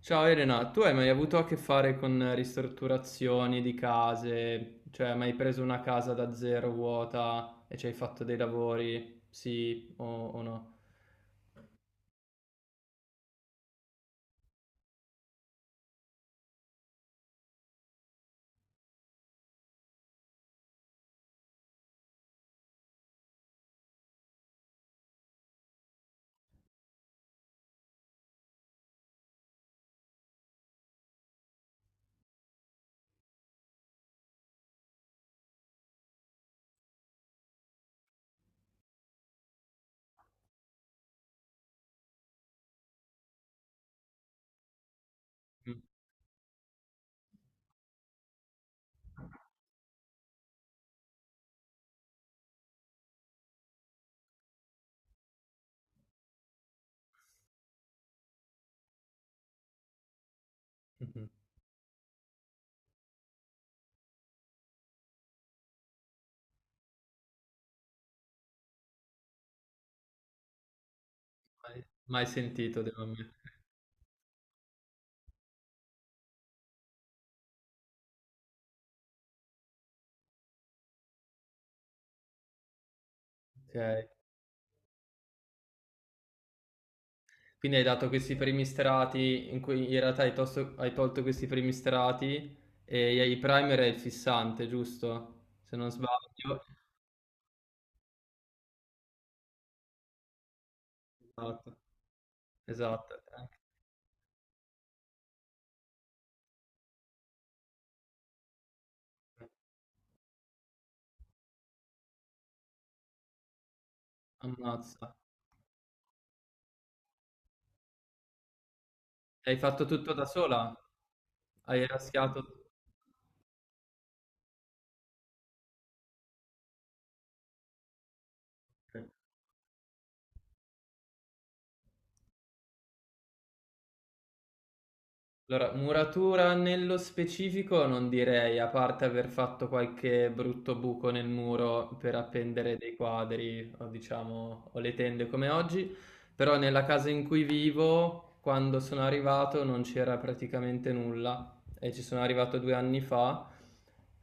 Ciao Elena, tu hai mai avuto a che fare con ristrutturazioni di case? Cioè, hai mai preso una casa da zero vuota e ci hai fatto dei lavori? Sì o no? Mm. Mhm. Mai, mai sentito, devo ammettere. Ok. Quindi hai dato questi primi strati in cui in realtà hai, hai tolto questi primi strati e i primer e il fissante, giusto? Se non sbaglio. Esatto. Esatto. Ammazza. Hai fatto tutto da sola? Hai raschiato. Per Allora, muratura nello specifico non direi, a parte aver fatto qualche brutto buco nel muro per appendere dei quadri o diciamo o le tende come oggi, però nella casa in cui vivo, quando sono arrivato non c'era praticamente nulla e ci sono arrivato 2 anni fa,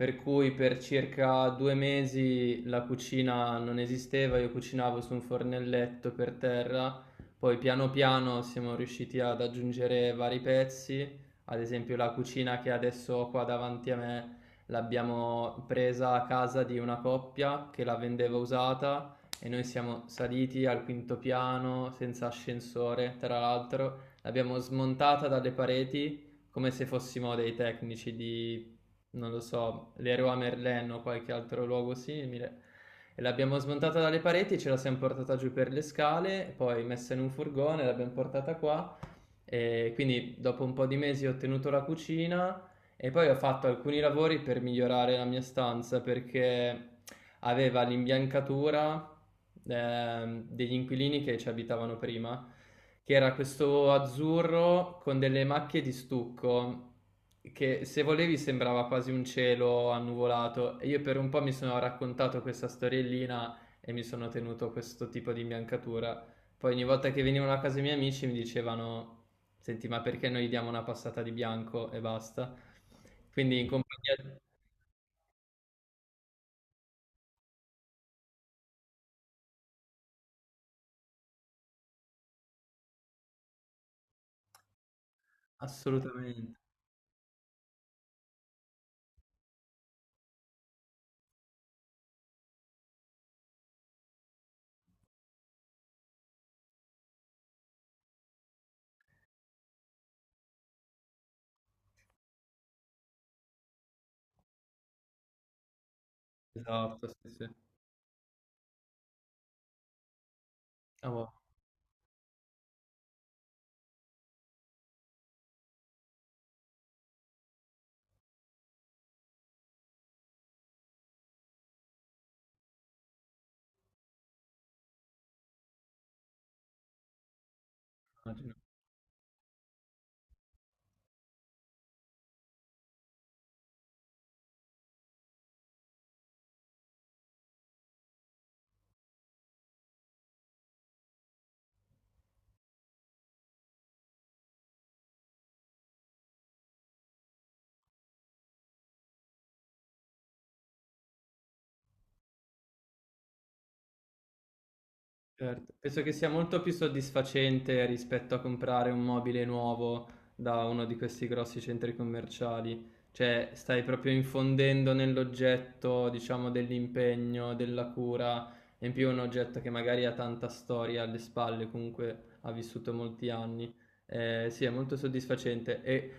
per cui per circa 2 mesi la cucina non esisteva, io cucinavo su un fornelletto per terra, poi piano piano siamo riusciti ad aggiungere vari pezzi. Ad esempio la cucina che adesso ho qua davanti a me l'abbiamo presa a casa di una coppia che la vendeva usata e noi siamo saliti al quinto piano senza ascensore, tra l'altro, l'abbiamo smontata dalle pareti come se fossimo dei tecnici di, non lo so, Leroy Merlin o qualche altro luogo simile. E l'abbiamo smontata dalle pareti, ce la siamo portata giù per le scale, poi messa in un furgone, l'abbiamo portata qua e quindi dopo un po' di mesi ho tenuto la cucina e poi ho fatto alcuni lavori per migliorare la mia stanza perché aveva l'imbiancatura degli inquilini che ci abitavano prima, che era questo azzurro con delle macchie di stucco che se volevi sembrava quasi un cielo annuvolato e io per un po' mi sono raccontato questa storiellina e mi sono tenuto questo tipo di imbiancatura. Poi ogni volta che venivano a casa i miei amici mi dicevano: Senti, ma perché noi diamo una passata di bianco e basta? Quindi in compagnia assolutamente. Esatto, sì, sì. Ah, boh, immagino. Certo, penso che sia molto più soddisfacente rispetto a comprare un mobile nuovo da uno di questi grossi centri commerciali, cioè stai proprio infondendo nell'oggetto, diciamo, dell'impegno, della cura, e in più un oggetto che magari ha tanta storia alle spalle, comunque ha vissuto molti anni. Sì, è molto soddisfacente. E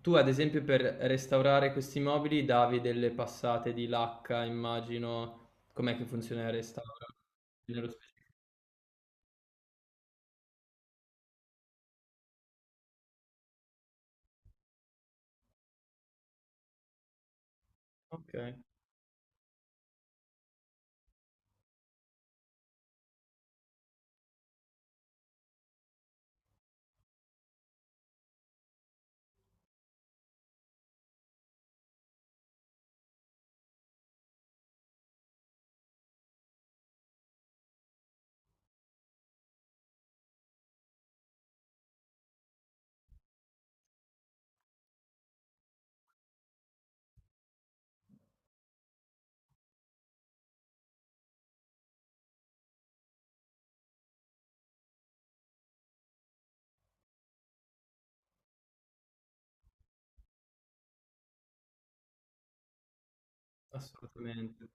tu, ad esempio, per restaurare questi mobili davi delle passate di lacca, immagino, com'è che funziona il restauro? Nello specifico. Okay, assolutamente.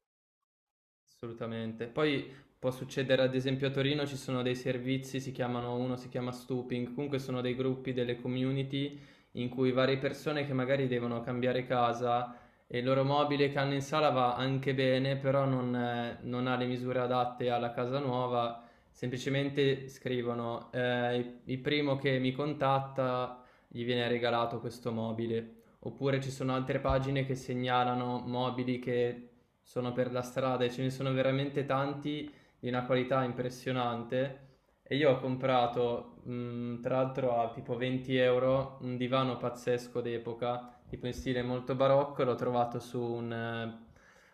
Assolutamente. Poi può succedere, ad esempio, a Torino ci sono dei servizi, si chiamano uno si chiama Stooping, comunque sono dei gruppi, delle community in cui varie persone che magari devono cambiare casa e il loro mobile che hanno in sala va anche bene, però non ha le misure adatte alla casa nuova, semplicemente scrivono il primo che mi contatta gli viene regalato questo mobile. Oppure ci sono altre pagine che segnalano mobili che sono per la strada e ce ne sono veramente tanti di una qualità impressionante. E io ho comprato, tra l'altro a tipo 20 euro, un divano pazzesco d'epoca, tipo in stile molto barocco, l'ho trovato su un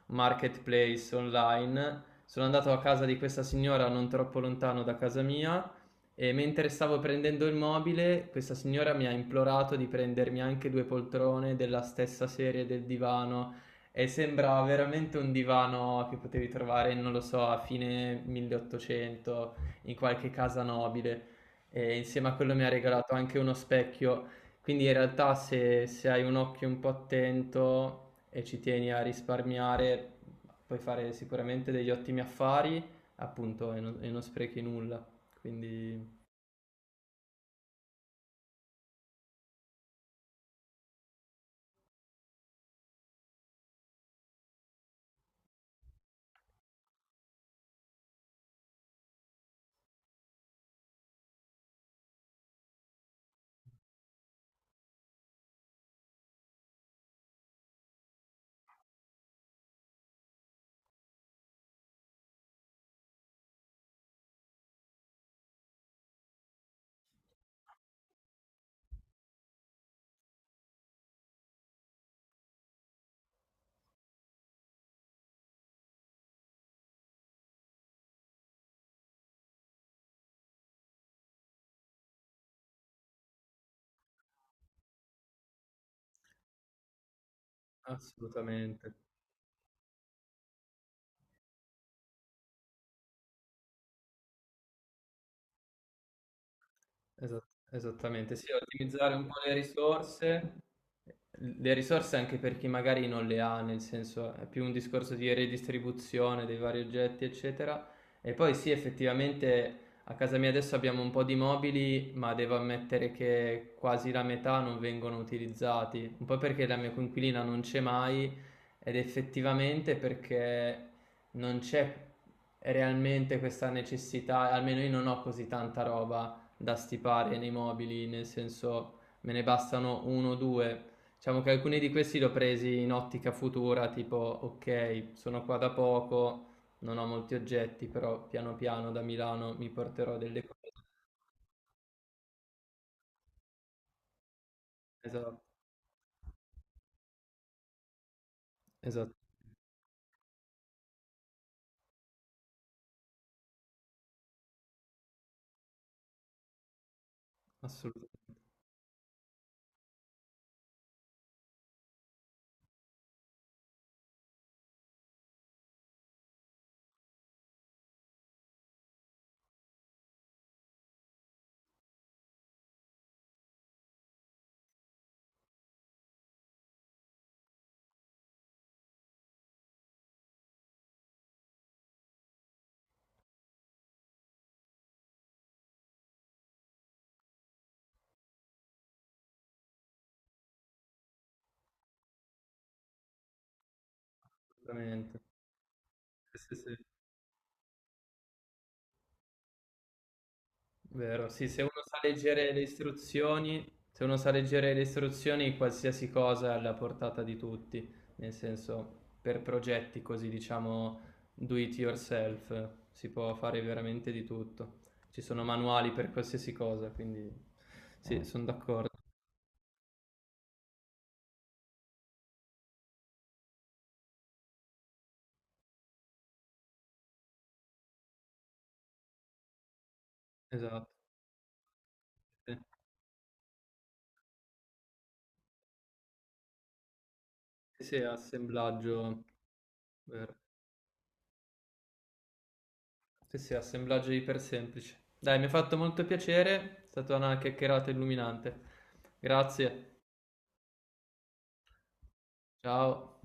marketplace online. Sono andato a casa di questa signora non troppo lontano da casa mia e mentre stavo prendendo il mobile, questa signora mi ha implorato di prendermi anche due poltrone della stessa serie del divano e sembra veramente un divano che potevi trovare, non lo so, a fine 1800 in qualche casa nobile. E insieme a quello mi ha regalato anche uno specchio. Quindi in realtà se hai un occhio un po' attento e ci tieni a risparmiare, puoi fare sicuramente degli ottimi affari, appunto, e non sprechi nulla. Quindi assolutamente. Esat- Esattamente, sì, ottimizzare un po' le risorse anche per chi magari non le ha, nel senso è più un discorso di redistribuzione dei vari oggetti, eccetera. E poi sì, effettivamente a casa mia adesso abbiamo un po' di mobili, ma devo ammettere che quasi la metà non vengono utilizzati, un po' perché la mia coinquilina non c'è mai ed effettivamente perché non c'è realmente questa necessità, almeno io non ho così tanta roba da stipare nei mobili, nel senso me ne bastano uno o due. Diciamo che alcuni di questi li ho presi in ottica futura, tipo ok, sono qua da poco, non ho molti oggetti, però piano piano da Milano mi porterò delle cose. Esatto, esatto, assolutamente. Sì, sì, sì. Vero, sì, se uno sa leggere le istruzioni, se uno sa leggere le istruzioni, qualsiasi cosa è alla portata di tutti, nel senso, per progetti così, diciamo, do it yourself, si può fare veramente di tutto. Ci sono manuali per qualsiasi cosa, quindi sì, sono d'accordo. Esatto. Sì, sì, assemblaggio, vero. Sì, sì, assemblaggio iper semplice. Dai, mi ha fatto molto piacere, è stata una chiacchierata illuminante. Grazie, ciao.